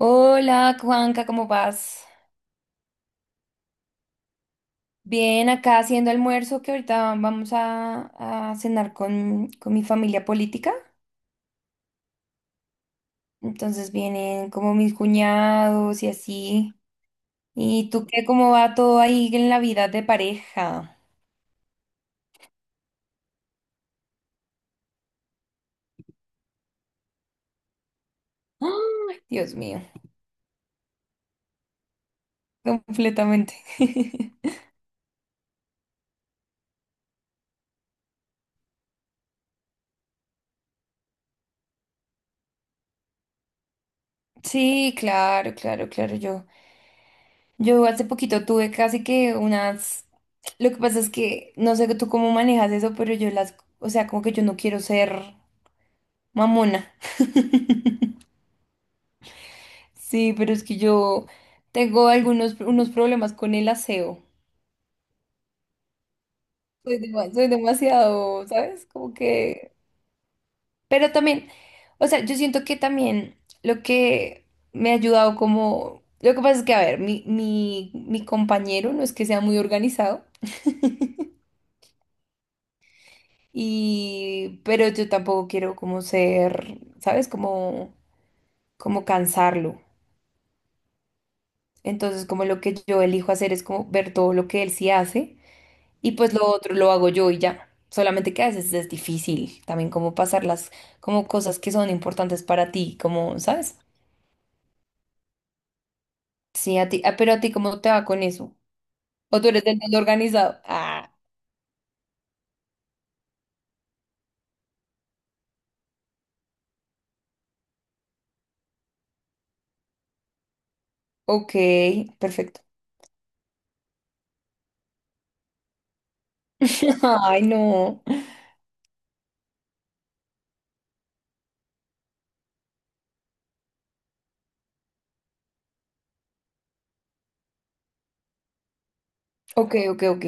Hola, Juanca, ¿cómo vas? Bien, acá haciendo almuerzo que ahorita vamos a cenar con mi familia política. Entonces vienen como mis cuñados y así. ¿Y tú qué? ¿Cómo va todo ahí en la vida de pareja? ¡Ah! Dios mío, completamente. Sí, claro, claro, claro. Yo hace poquito tuve casi que unas... Lo que pasa es que no sé tú cómo manejas eso, pero yo las... O sea, como que yo no quiero ser... Mamona. Sí, pero es que yo tengo algunos unos problemas con el aseo. Soy, soy demasiado, ¿sabes? Como que... Pero también, o sea, yo siento que también lo que me ha ayudado como... Lo que pasa es que, a ver, mi compañero no es que sea muy organizado y... Pero yo tampoco quiero como ser, ¿sabes? Como, como cansarlo. Entonces, como lo que yo elijo hacer es como ver todo lo que él sí hace. Y pues lo otro lo hago yo y ya. Solamente que a veces es difícil también como pasarlas como cosas que son importantes para ti, como, ¿sabes? Sí, a ti, ah, pero a ti ¿cómo te va con eso? ¿O tú eres del todo organizado? Ah, ok, perfecto. Ay, no. Ok, ok, ok.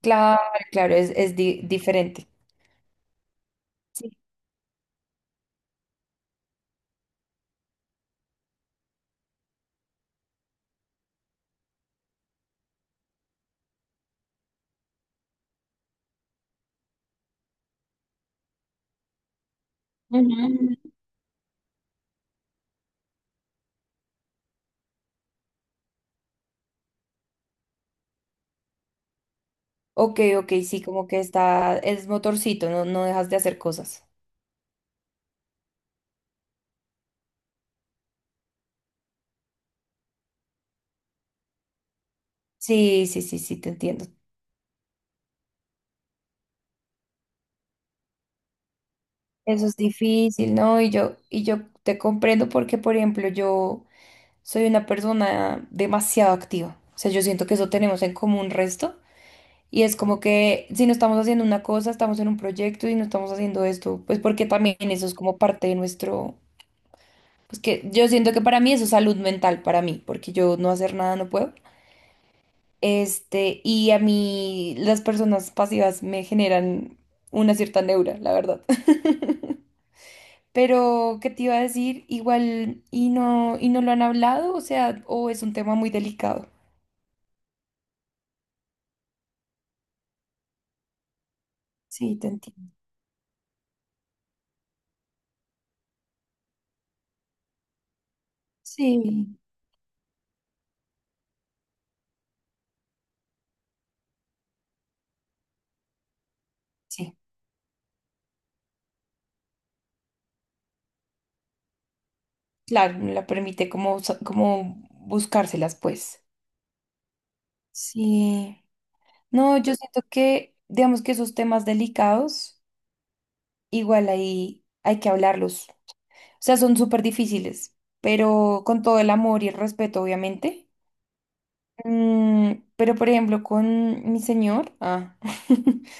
Claro, claro, es diferente. Ujú. Ok, ok, sí, como que está, es motorcito, no, no dejas de hacer cosas. Sí, sí, sí, sí, te entiendo. Eso es difícil, ¿no? Y yo te comprendo porque, por ejemplo, yo soy una persona demasiado activa. O sea, yo siento que eso tenemos en común resto. Y es como que si no estamos haciendo una cosa, estamos en un proyecto y no estamos haciendo esto, pues porque también eso es como parte de nuestro... Pues que yo siento que para mí eso es salud mental, para mí, porque yo no hacer nada no puedo. Este, y a mí las personas pasivas me generan una cierta neura, la verdad. Pero, ¿qué te iba a decir? Igual, y no lo han hablado, o sea, o es un tema muy delicado. Sí, te entiendo. Sí. Sí, claro, no la permite como, como buscárselas, pues. Sí. No, yo siento que, digamos que esos temas delicados, igual ahí hay que hablarlos. O sea, son súper difíciles, pero con todo el amor y el respeto, obviamente. Mm, pero, por ejemplo, con mi señor, ah.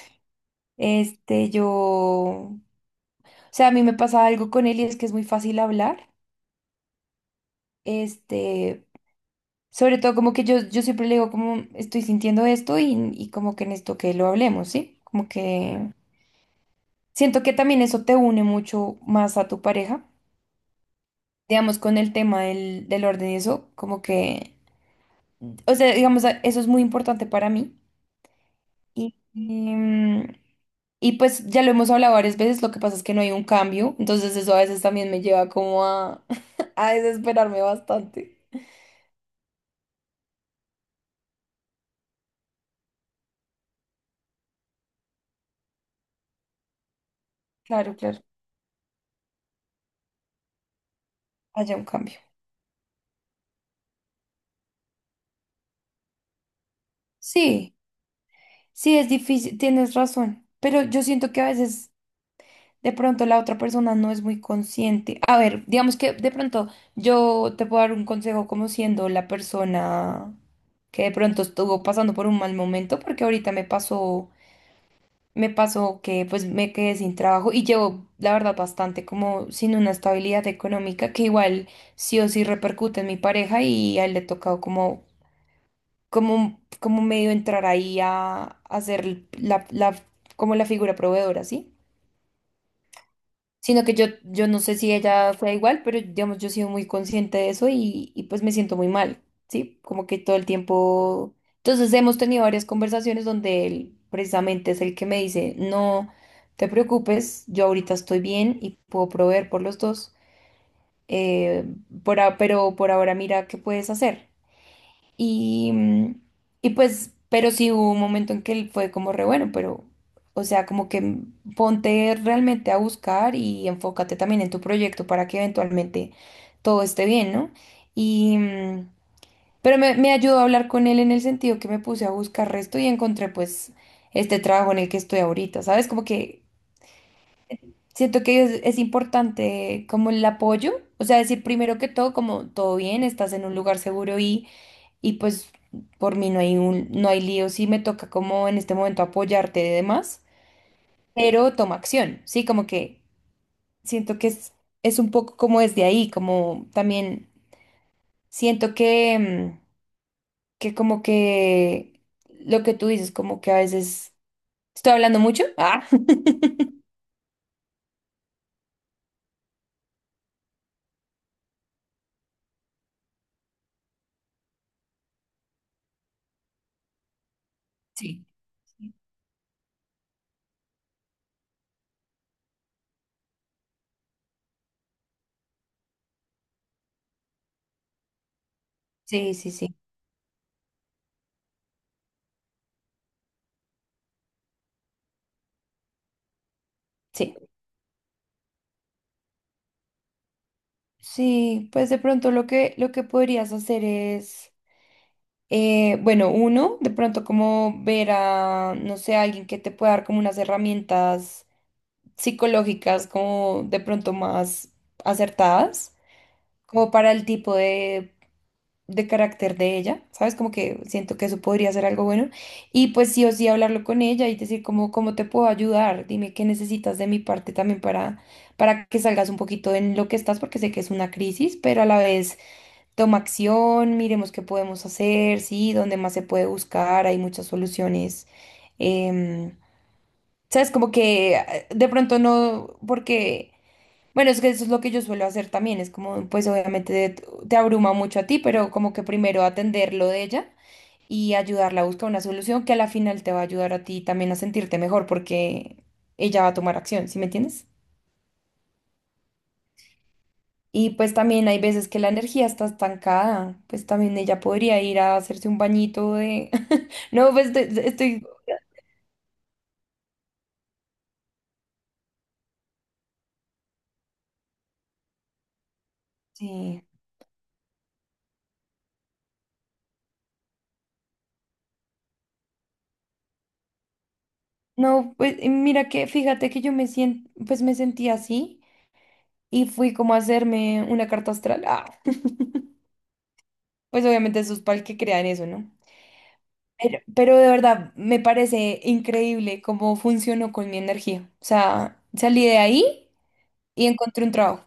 Este, yo, o sea, a mí me pasa algo con él y es que es muy fácil hablar. Este, sobre todo como que yo siempre le digo como estoy sintiendo esto y como que necesito que lo hablemos, ¿sí? Como que siento que también eso te une mucho más a tu pareja. Digamos, con el tema del orden y eso, como que, o sea, digamos, eso es muy importante para mí. Y, em, y pues ya lo hemos hablado varias veces, lo que pasa es que no hay un cambio, entonces eso a veces también me lleva como a, a desesperarme bastante. Claro, claro, haya un cambio. Sí, sí, es difícil, tienes razón, pero yo siento que a veces de pronto la otra persona no es muy consciente. A ver, digamos que de pronto yo te puedo dar un consejo como siendo la persona que de pronto estuvo pasando por un mal momento, porque ahorita me pasó. Me pasó que pues me quedé sin trabajo y llevo, la verdad, bastante como sin una estabilidad económica que igual sí o sí repercute en mi pareja y a él le ha tocado como, como medio entrar ahí a, hacer ser como la figura proveedora, ¿sí? Sino que yo no sé si ella fue igual, pero digamos, yo he sido muy consciente de eso y pues me siento muy mal, ¿sí? Como que todo el tiempo... Entonces hemos tenido varias conversaciones donde él precisamente es el que me dice, no te preocupes, yo ahorita estoy bien y puedo proveer por los dos, eh, por pero por ahora mira qué puedes hacer. Y, mm, y pues, pero sí hubo un momento en que él fue como re bueno, pero, o sea, como que mm, ponte realmente a buscar y enfócate también en tu proyecto para que eventualmente todo esté bien, ¿no? Y, mm, pero me ayudó a hablar con él en el sentido que me puse a buscar resto y encontré pues este trabajo en el que estoy ahorita, ¿sabes? Como que siento que es importante como el apoyo, o sea, decir primero que todo, como todo bien, estás en un lugar seguro y pues por mí no hay un, no hay lío si me toca como en este momento apoyarte de demás, pero toma acción, ¿sí? Como que siento que es un poco como desde ahí, como también siento que, mm, que como que lo que tú dices, como que a veces estoy hablando mucho. Ah, sí, sí, sí, sí, sí. Sí, pues de pronto lo que podrías hacer es... bueno, uno, de pronto como ver a, no sé, a alguien que te pueda dar como unas herramientas psicológicas como de pronto más acertadas, como para el tipo de carácter de ella, ¿sabes? Como que siento que eso podría ser algo bueno. Y pues sí o sí hablarlo con ella y decir como, ¿cómo te puedo ayudar? Dime qué necesitas de mi parte también para que salgas un poquito en lo que estás, porque sé que es una crisis, pero a la vez. Toma acción, miremos qué podemos hacer, sí, dónde más se puede buscar, hay muchas soluciones. Em, sabes, como que de pronto no, porque, bueno, es que eso es lo que yo suelo hacer también, es como, pues obviamente te abruma mucho a ti, pero como que primero atender lo de ella y ayudarla a buscar una solución que a la final te va a ayudar a ti también a sentirte mejor porque ella va a tomar acción, ¿sí me entiendes? Y pues también hay veces que la energía está estancada, pues también ella podría ir a hacerse un bañito de... No, pues estoy... Sí. No, pues y mira que, fíjate que yo me siento, pues me sentí así y fui como a hacerme una carta astral. Ah, pues obviamente eso es para el que crea en eso, ¿no? Pero de verdad, me parece increíble cómo funcionó con mi energía. O sea, salí de ahí y encontré un trabajo.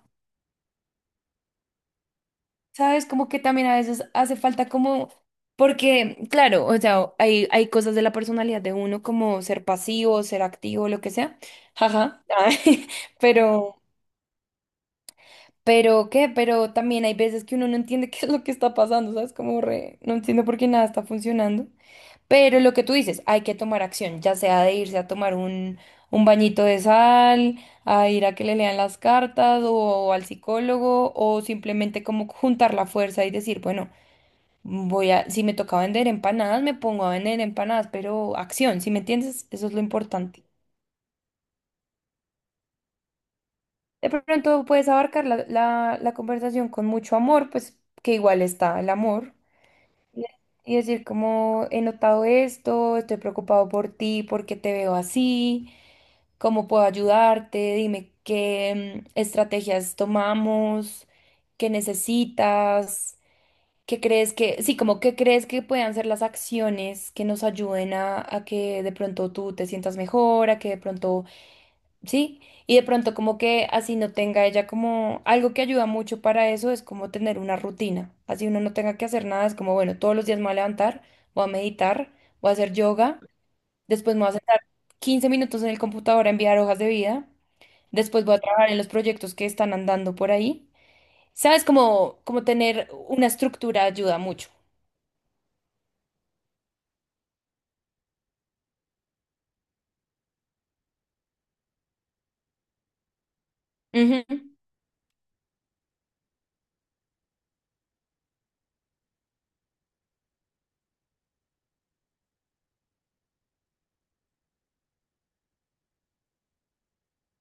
¿Sabes? Como que también a veces hace falta como, porque, claro, o sea, hay cosas de la personalidad de uno como ser pasivo, ser activo, lo que sea, jaja, ay, pero, pero, ¿qué? Pero también hay veces que uno no entiende qué es lo que está pasando, ¿sabes? Como re, no entiendo por qué nada está funcionando, pero lo que tú dices, hay que tomar acción, ya sea de irse a tomar un bañito de sal, a ir a que le lean las cartas o al psicólogo o simplemente como juntar la fuerza y decir, bueno. Voy a, si me toca vender empanadas, me pongo a vender empanadas, pero acción, si me entiendes, eso es lo importante. De pronto puedes abarcar la conversación con mucho amor, pues que igual está el amor. Y y decir como he notado esto, estoy preocupado por ti, porque te veo así, cómo puedo ayudarte, dime qué mm, estrategias tomamos, qué necesitas. ¿Qué crees que, sí, como que crees que puedan ser las acciones que nos ayuden a que de pronto tú te sientas mejor, a que de pronto, sí, y de pronto como que así no tenga ella como algo que ayuda mucho para eso es como tener una rutina, así uno no tenga que hacer nada, es como, bueno, todos los días me voy a levantar, voy a meditar, voy a hacer yoga, después me voy a sentar 15 minutos en el computador a enviar hojas de vida, después voy a trabajar en los proyectos que están andando por ahí, ¿sabes? Como, como tener una estructura ayuda mucho. Ujú.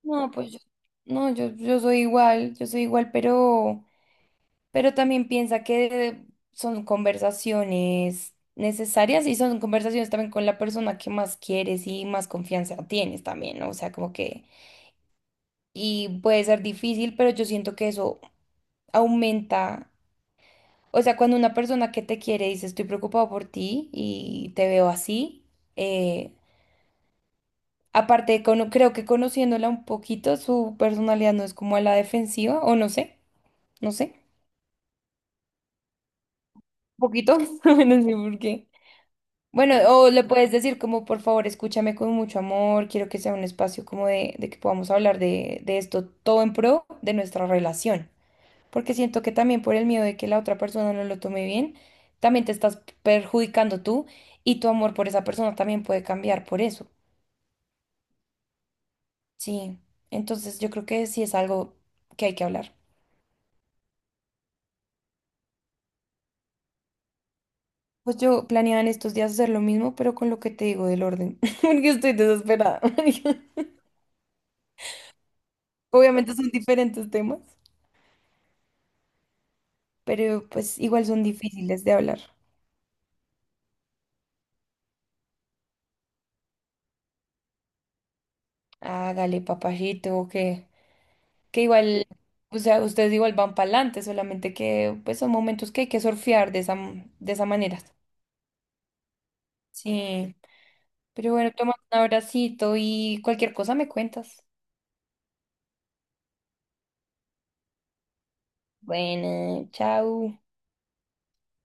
No, pues yo, no, yo soy igual, yo soy igual, pero también piensa que son conversaciones necesarias y son conversaciones también con la persona que más quieres y más confianza tienes también, ¿no? O sea, como que, y puede ser difícil, pero yo siento que eso aumenta, o sea, cuando una persona que te quiere dice estoy preocupado por ti y te veo así, eh, aparte, creo que conociéndola un poquito, su personalidad no es como a la defensiva, o no sé. No sé, un poquito, no sé por qué. Bueno, o le puedes decir como, por favor, escúchame con mucho amor, quiero que sea un espacio como de que podamos hablar de esto, todo en pro de nuestra relación. Porque siento que también por el miedo de que la otra persona no lo tome bien, también te estás perjudicando tú y tu amor por esa persona también puede cambiar por eso. Sí, entonces yo creo que sí es algo que hay que hablar. Pues yo planeaba en estos días hacer lo mismo, pero con lo que te digo del orden, porque estoy desesperada. Obviamente son diferentes temas, pero pues igual son difíciles de hablar. Hágale, papajito, que igual, o sea, ustedes igual van para adelante, solamente que pues son momentos que hay que surfear de esa, de esa manera. Sí, pero bueno, toma un abracito y cualquier cosa me cuentas. Bueno, chao.